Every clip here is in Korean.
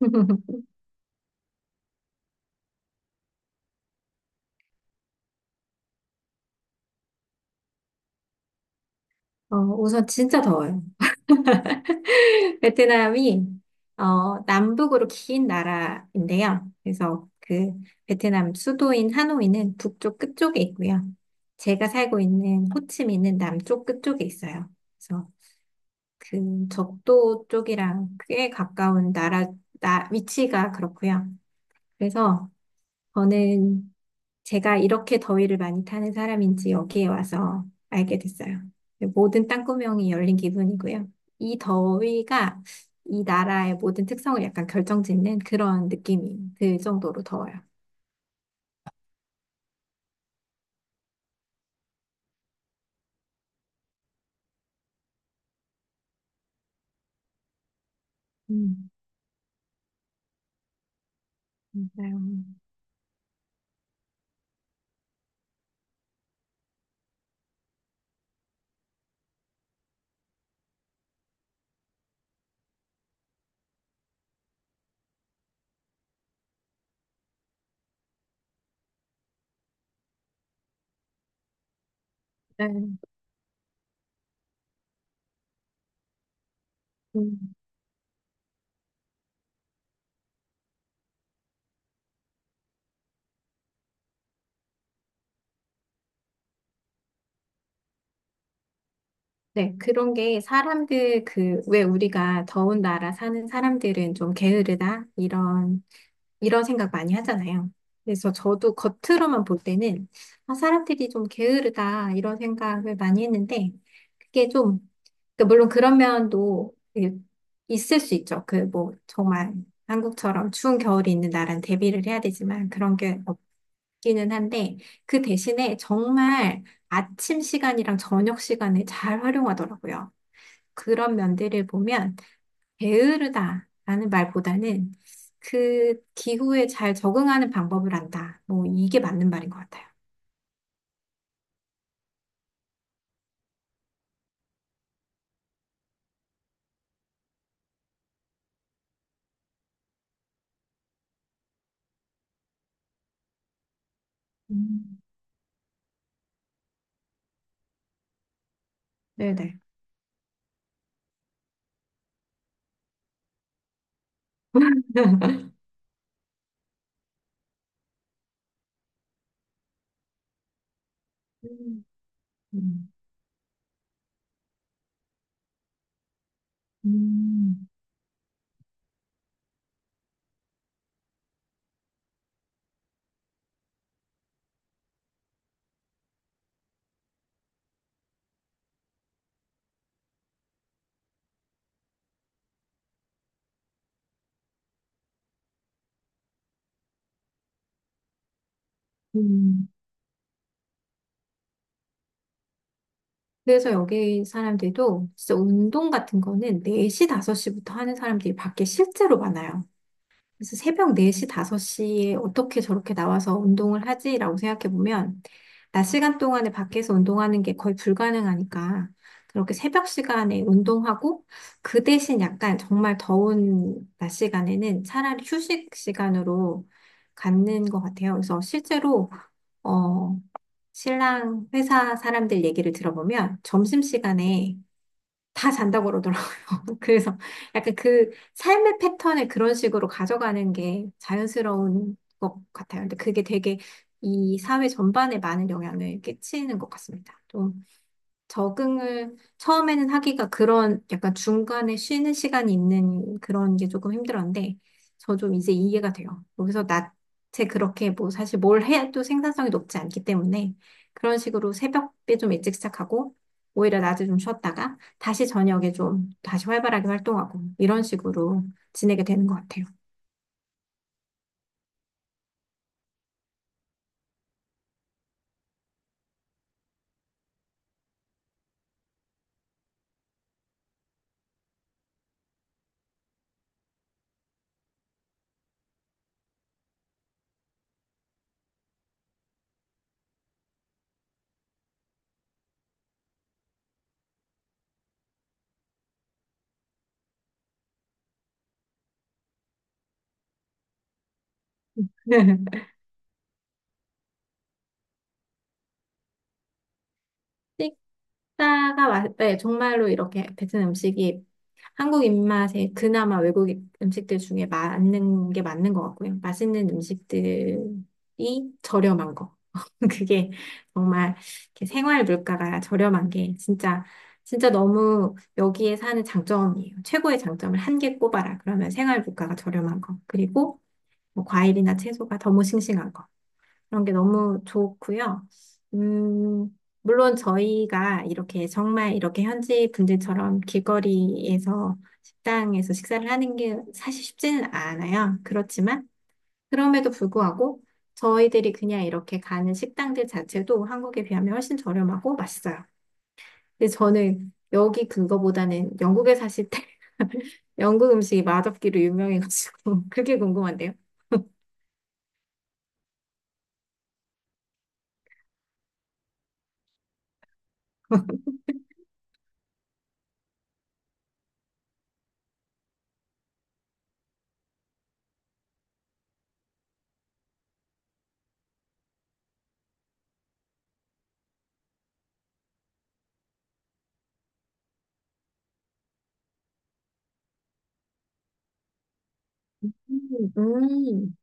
우선 진짜 더워요. 베트남이 남북으로 긴 나라인데요. 그래서 그 베트남 수도인 하노이는 북쪽 끝쪽에 있고요. 제가 살고 있는 호치민은 남쪽 끝쪽에 있어요. 그래서 그 적도 쪽이랑 꽤 가까운 나라, 위치가 그렇고요. 그래서 저는 제가 이렇게 더위를 많이 타는 사람인지 여기에 와서 알게 됐어요. 모든 땅구멍이 열린 기분이고요. 이 더위가 이 나라의 모든 특성을 약간 결정짓는 그런 느낌이 들 정도로 더워요. 음, 맞아요. 네. 음. 네, 그런 게 사람들 그, 왜 우리가 더운 나라 사는 사람들은 좀 게으르다? 이런 생각 많이 하잖아요. 그래서 저도 겉으로만 볼 때는, 아, 사람들이 좀 게으르다, 이런 생각을 많이 했는데, 그게 좀, 그 물론 그런 면도 그 있을 수 있죠. 그 뭐, 정말 한국처럼 추운 겨울이 있는 나라는 대비를 해야 되지만, 그런 게 없기는 한데, 그 대신에 정말 아침 시간이랑 저녁 시간에 잘 활용하더라고요. 그런 면들을 보면 게으르다라는 말보다는 그 기후에 잘 적응하는 방법을 안다. 뭐 이게 맞는 말인 것 같아요. 음, 네네. 음, 음. 음, 음. 그래서 여기 사람들도 진짜 운동 같은 거는 4시, 5시부터 하는 사람들이 밖에 실제로 많아요. 그래서 새벽 4시, 5시에 어떻게 저렇게 나와서 운동을 하지라고 생각해 보면, 낮 시간 동안에 밖에서 운동하는 게 거의 불가능하니까, 그렇게 새벽 시간에 운동하고, 그 대신 약간 정말 더운 낮 시간에는 차라리 휴식 시간으로 갖는 것 같아요. 그래서 실제로, 어, 신랑 회사 사람들 얘기를 들어보면, 점심시간에 다 잔다고 그러더라고요. 그래서 약간 그 삶의 패턴을 그런 식으로 가져가는 게 자연스러운 것 같아요. 근데 그게 되게 이 사회 전반에 많은 영향을 끼치는 것 같습니다. 적응을 처음에는 하기가 그런 약간 중간에 쉬는 시간이 있는 그런 게 조금 힘들었는데 저 좀 이제 이해가 돼요. 여기서 낮에 그렇게 뭐 사실 뭘 해도 생산성이 높지 않기 때문에 그런 식으로 새벽에 좀 일찍 시작하고 오히려 낮에 좀 쉬었다가 다시 저녁에 좀 다시 활발하게 활동하고 이런 식으로 지내게 되는 것 같아요. 식사가 네, 정말로 이렇게 베트남 음식이 한국 입맛에 그나마 외국 음식들 중에 맞는 게 맞는 것 같고요. 맛있는 음식들이 저렴한 거. 그게 정말 이렇게 생활 물가가 저렴한 게 진짜, 진짜 너무 여기에 사는 장점이에요. 최고의 장점을 한 개 꼽아라. 그러면 생활 물가가 저렴한 거. 그리고 뭐 과일이나 채소가 너무 싱싱한 거. 그런 게 너무 좋고요. 음, 물론 저희가 이렇게 정말 이렇게 현지 분들처럼 길거리에서 식당에서 식사를 하는 게 사실 쉽지는 않아요. 그렇지만 그럼에도 불구하고 저희들이 그냥 이렇게 가는 식당들 자체도 한국에 비하면 훨씬 저렴하고 맛있어요. 근데 저는 여기 그거보다는 영국에 사실 때 영국 음식이 맛없기로 유명해가지고 그게 궁금한데요. 음, 음.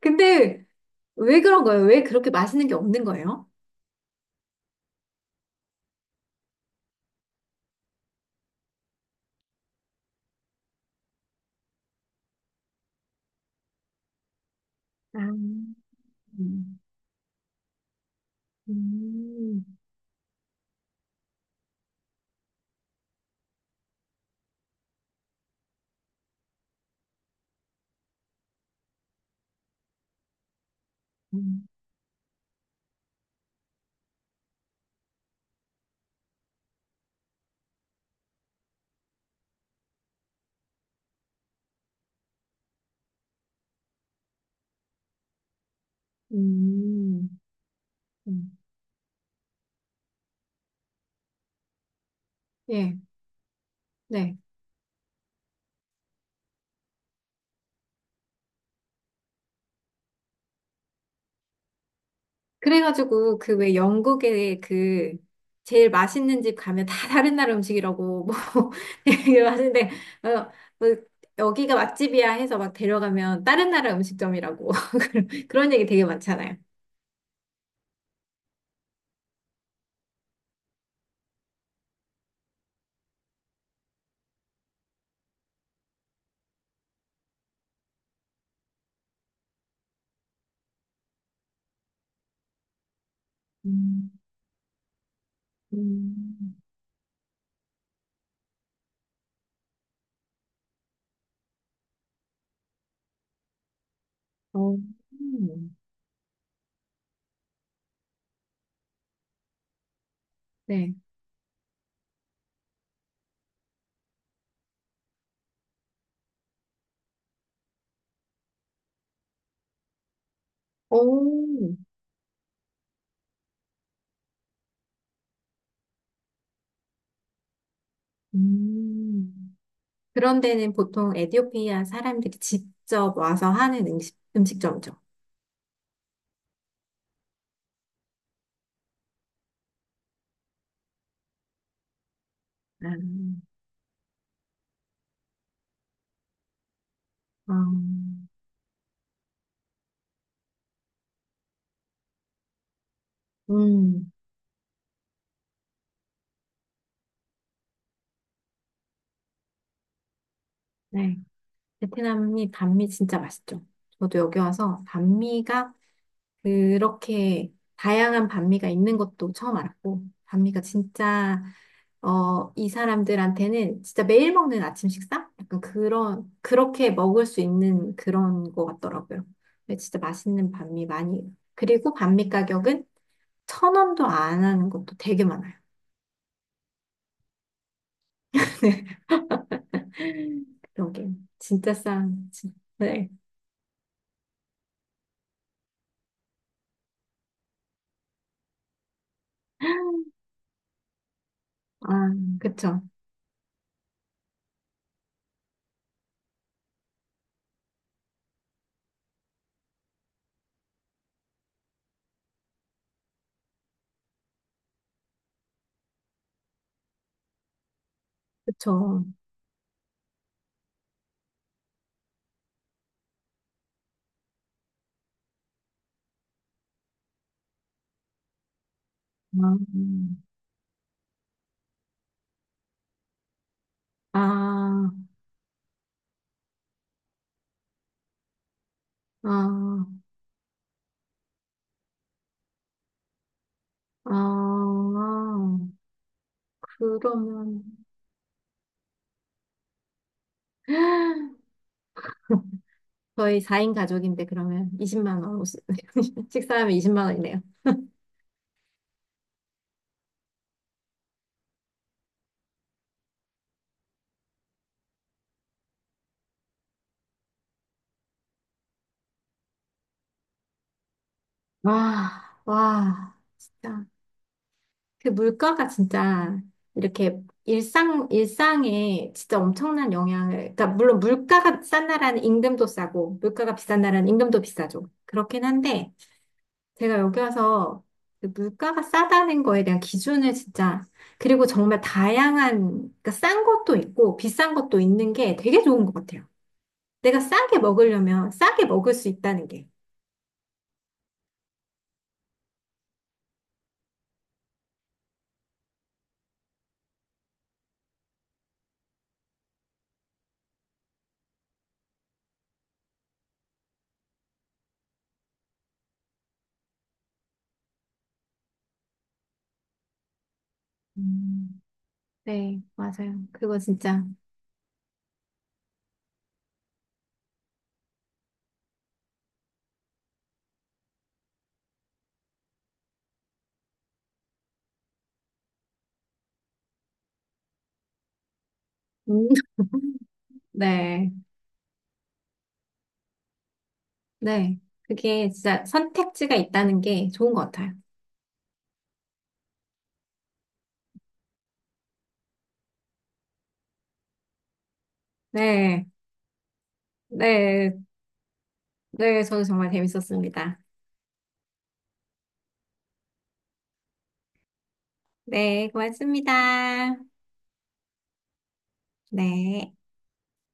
근데 왜 그런 거예요? 왜 그렇게 맛있는 게 없는 거예요? 아, 음, 음, 음, 음. 예, 네. 그래가지고 그 왜 영국에 그 제일 맛있는 집 가면 다 다른 나라 음식이라고 뭐 되게 맛있는데 어, 뭐 여기가 맛집이야 해서 막 데려가면 다른 나라 음식점이라고 그런 얘기 되게 많잖아요. 음, 음. 어, 음. 네. 오, 음. 그런 데는 보통 에티오피아 사람들이 직접 와서 하는 음식점이죠. 음, 어, 음, 네. 베트남이 반미 진짜 맛있죠. 저도 여기 와서 반미가 그렇게 다양한 반미가 있는 것도 처음 알았고, 반미가 진짜, 이 사람들한테는 진짜 매일 먹는 아침 식사? 약간 그런, 그렇게 먹을 수 있는 그런 거 같더라고요. 근데 진짜 맛있는 반미 많이. 그리고 반미 가격은 천 원도 안 하는 것도 되게 많아요. 그러게. 진짜 싼, 네. 아, 그쵸. 그쵸. 아, 아, 아. 아, 그러면 저희 4인 가족인데 그러면 이십만 원오 식사하면 20만 원이네요. 와, 와, 진짜 그 물가가 진짜 이렇게 일상에 진짜 엄청난 영향을 그러니까 물론 물가가 싼 나라는 임금도 싸고 물가가 비싼 나라는 임금도 비싸죠. 그렇긴 한데 제가 여기 와서 그 물가가 싸다는 거에 대한 기준을 진짜, 그리고 정말 다양한, 그러니까 싼 것도 있고 비싼 것도 있는 게 되게 좋은 것 같아요. 내가 싸게 먹으려면 싸게 먹을 수 있다는 게. 음, 네, 맞아요. 그거 진짜. 음, 네, 네. 그게 진짜 선택지가 있다는 게 좋은 것 같아요. 네, 네, 네. 저도 정말 재밌었습니다. 네, 고맙습니다. 네.